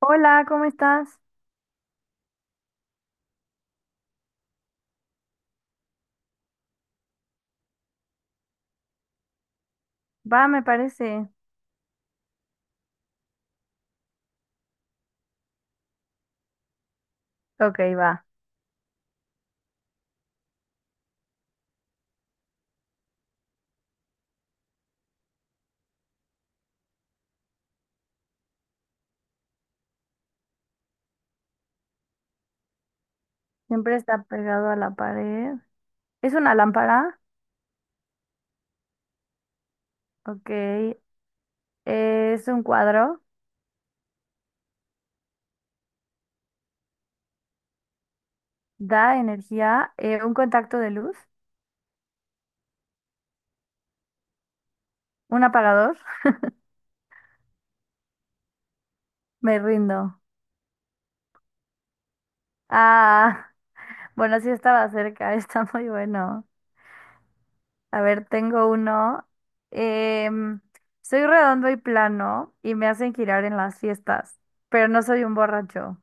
Hola, ¿cómo estás? Va, me parece. Ok, va. Siempre está pegado a la pared. ¿Es una lámpara? Ok. ¿Es un cuadro? ¿Da energía? ¿Un contacto de luz? ¿Un apagador? Me rindo. Ah, bueno, sí estaba cerca, está muy bueno. A ver, tengo uno. Em, Soy redondo y plano y me hacen girar en las fiestas, pero no soy un borracho.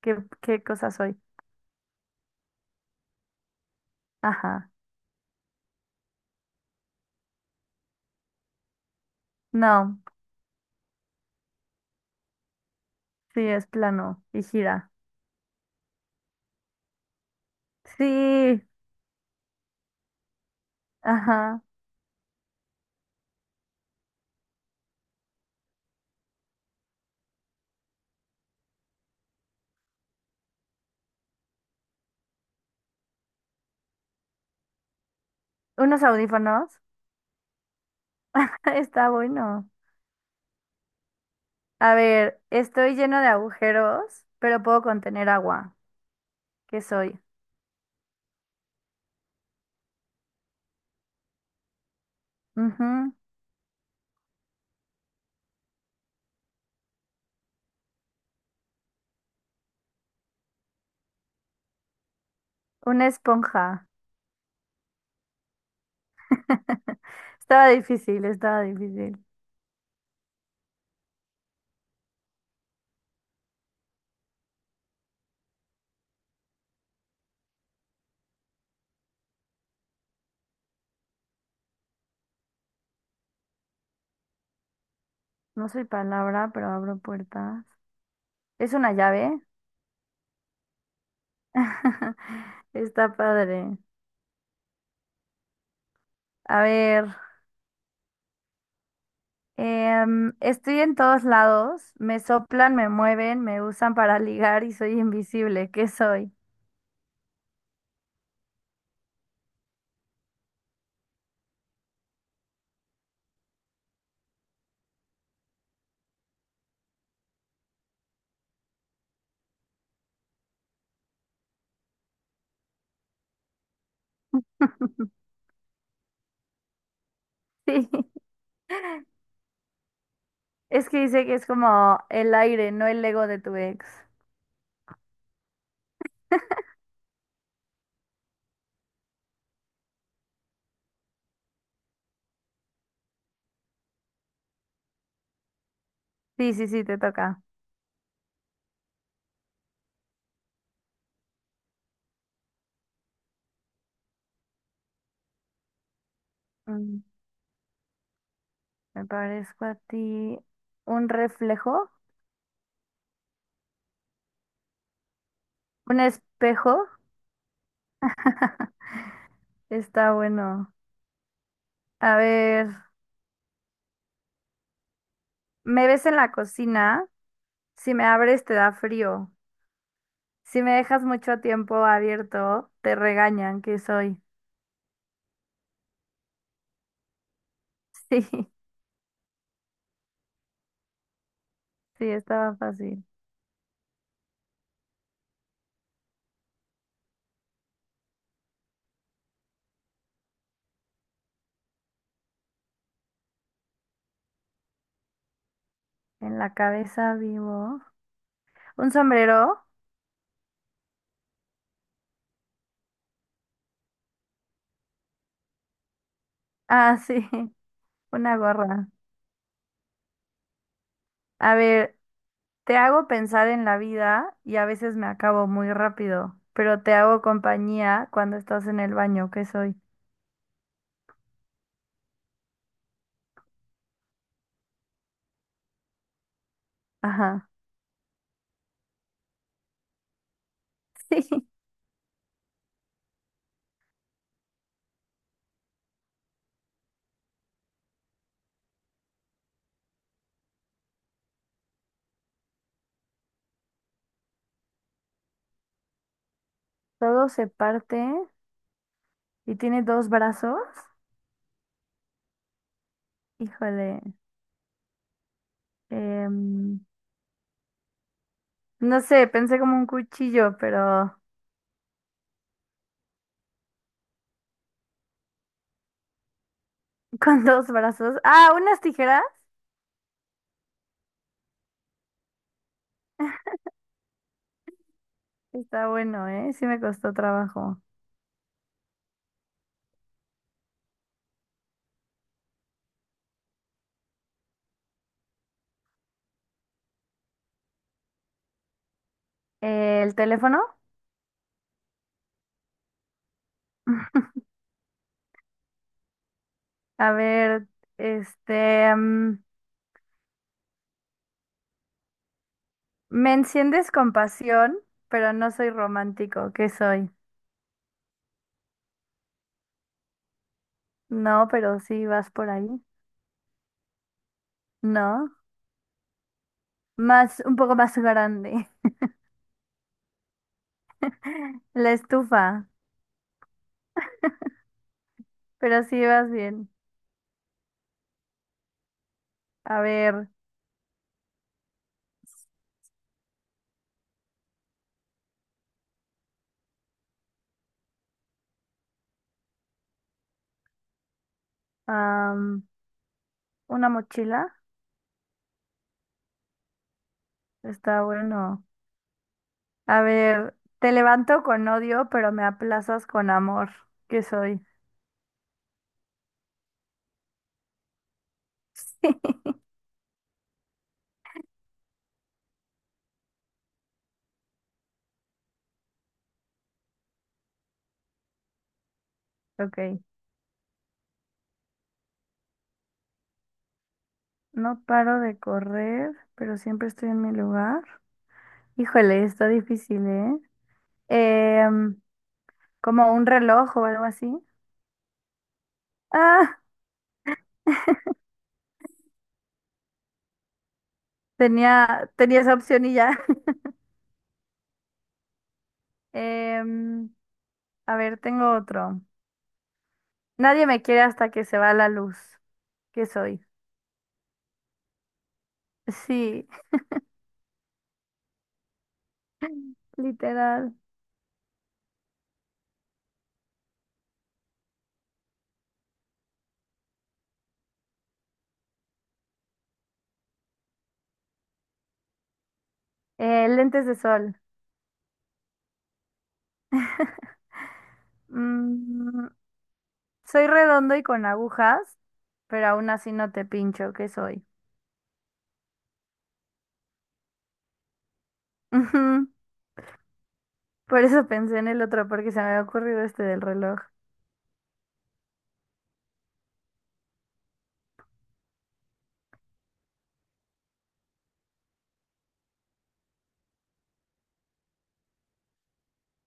¿Qué cosa soy? Ajá. No. Sí, es plano y gira. Sí, ajá. Unos audífonos. Está bueno. A ver, estoy lleno de agujeros, pero puedo contener agua. ¿Qué soy? Ujú. Una esponja. Estaba difícil, estaba difícil. No soy palabra, pero abro puertas. ¿Es una llave? Está padre. A ver. Estoy en todos lados, me soplan, me mueven, me usan para ligar y soy invisible. ¿Qué soy? Sí, es que dice que es como el aire, no el ego de tu ex. Sí, sí, sí, te toca. Mm, Me parezco a ti. ¿Un reflejo? ¿Un espejo? Está bueno. A ver, me ves en la cocina, si me abres te da frío, si me dejas mucho tiempo abierto, te regañan, ¿qué soy? Sí. Sí, estaba fácil. En la cabeza vivo. ¿Un sombrero? Ah, sí, una gorra. A ver, te hago pensar en la vida y a veces me acabo muy rápido, pero te hago compañía cuando estás en el baño, ¿qué soy? Ajá. Sí. Todo se parte y tiene dos brazos. Híjole. em, no sé, pensé como un cuchillo, pero con dos brazos. Ah, unas tijeras. Está bueno, ¿eh? Sí me costó trabajo. El teléfono. A ver, este, me enciendes con pasión, pero no soy romántico. ¿Qué soy? No, pero sí vas por ahí. No, más, un poco más grande. La estufa, pero sí vas bien. A ver, am, una mochila. Está bueno. A ver, te levanto con odio, pero me aplazas con amor. ¿Qué soy? Ok. No paro de correr, pero siempre estoy en mi lugar. Híjole, está difícil, ¿eh? Em, Como un reloj o algo así. Ah, tenía esa opción y ya. Em, a ver, tengo otro. Nadie me quiere hasta que se va la luz. ¿Qué soy? Sí, literal. Lentes de sol. Mm, Soy redondo y con agujas, pero aún así no te pincho. ¿Qué soy? Por eso pensé en el otro, porque se me había ocurrido este del reloj.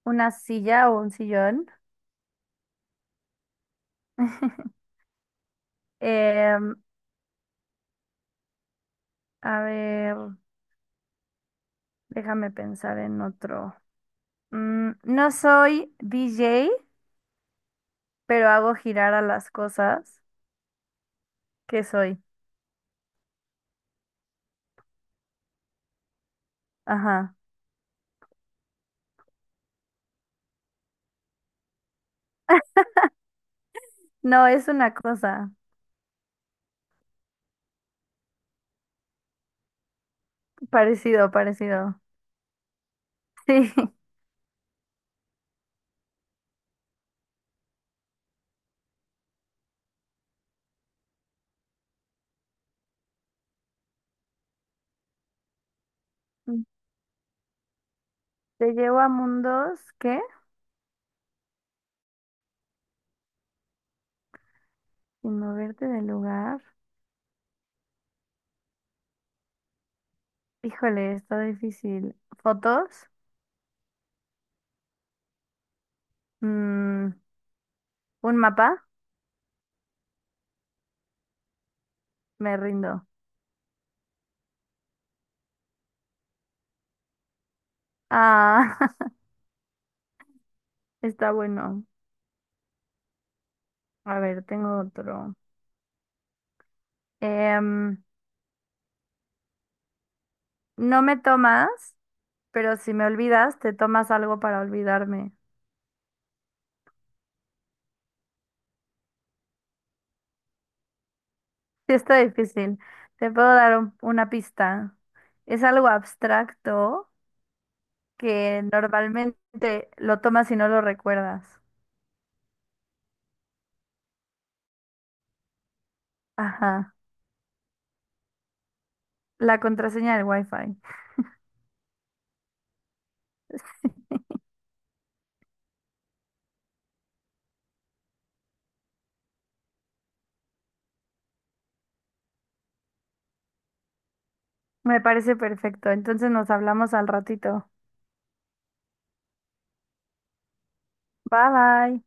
Una silla o un sillón. Em, a ver, déjame pensar en otro. No soy DJ, pero hago girar a las cosas. ¿Qué soy? Ajá. No, es una cosa. Parecido, parecido. Sí. Te llevo a mundos, ¿qué? Sin moverte del lugar. Híjole, está difícil. ¿Fotos? Mm, ¿Un mapa? Me rindo. Ah, está bueno. A ver, tengo otro. Em, no me tomas, pero si me olvidas, te tomas algo para olvidarme. Sí, está difícil. Te puedo dar una pista. Es algo abstracto que normalmente lo tomas y no lo recuerdas. Ajá. La contraseña del Wi-Fi. Me parece perfecto. Entonces nos hablamos al ratito. Bye bye.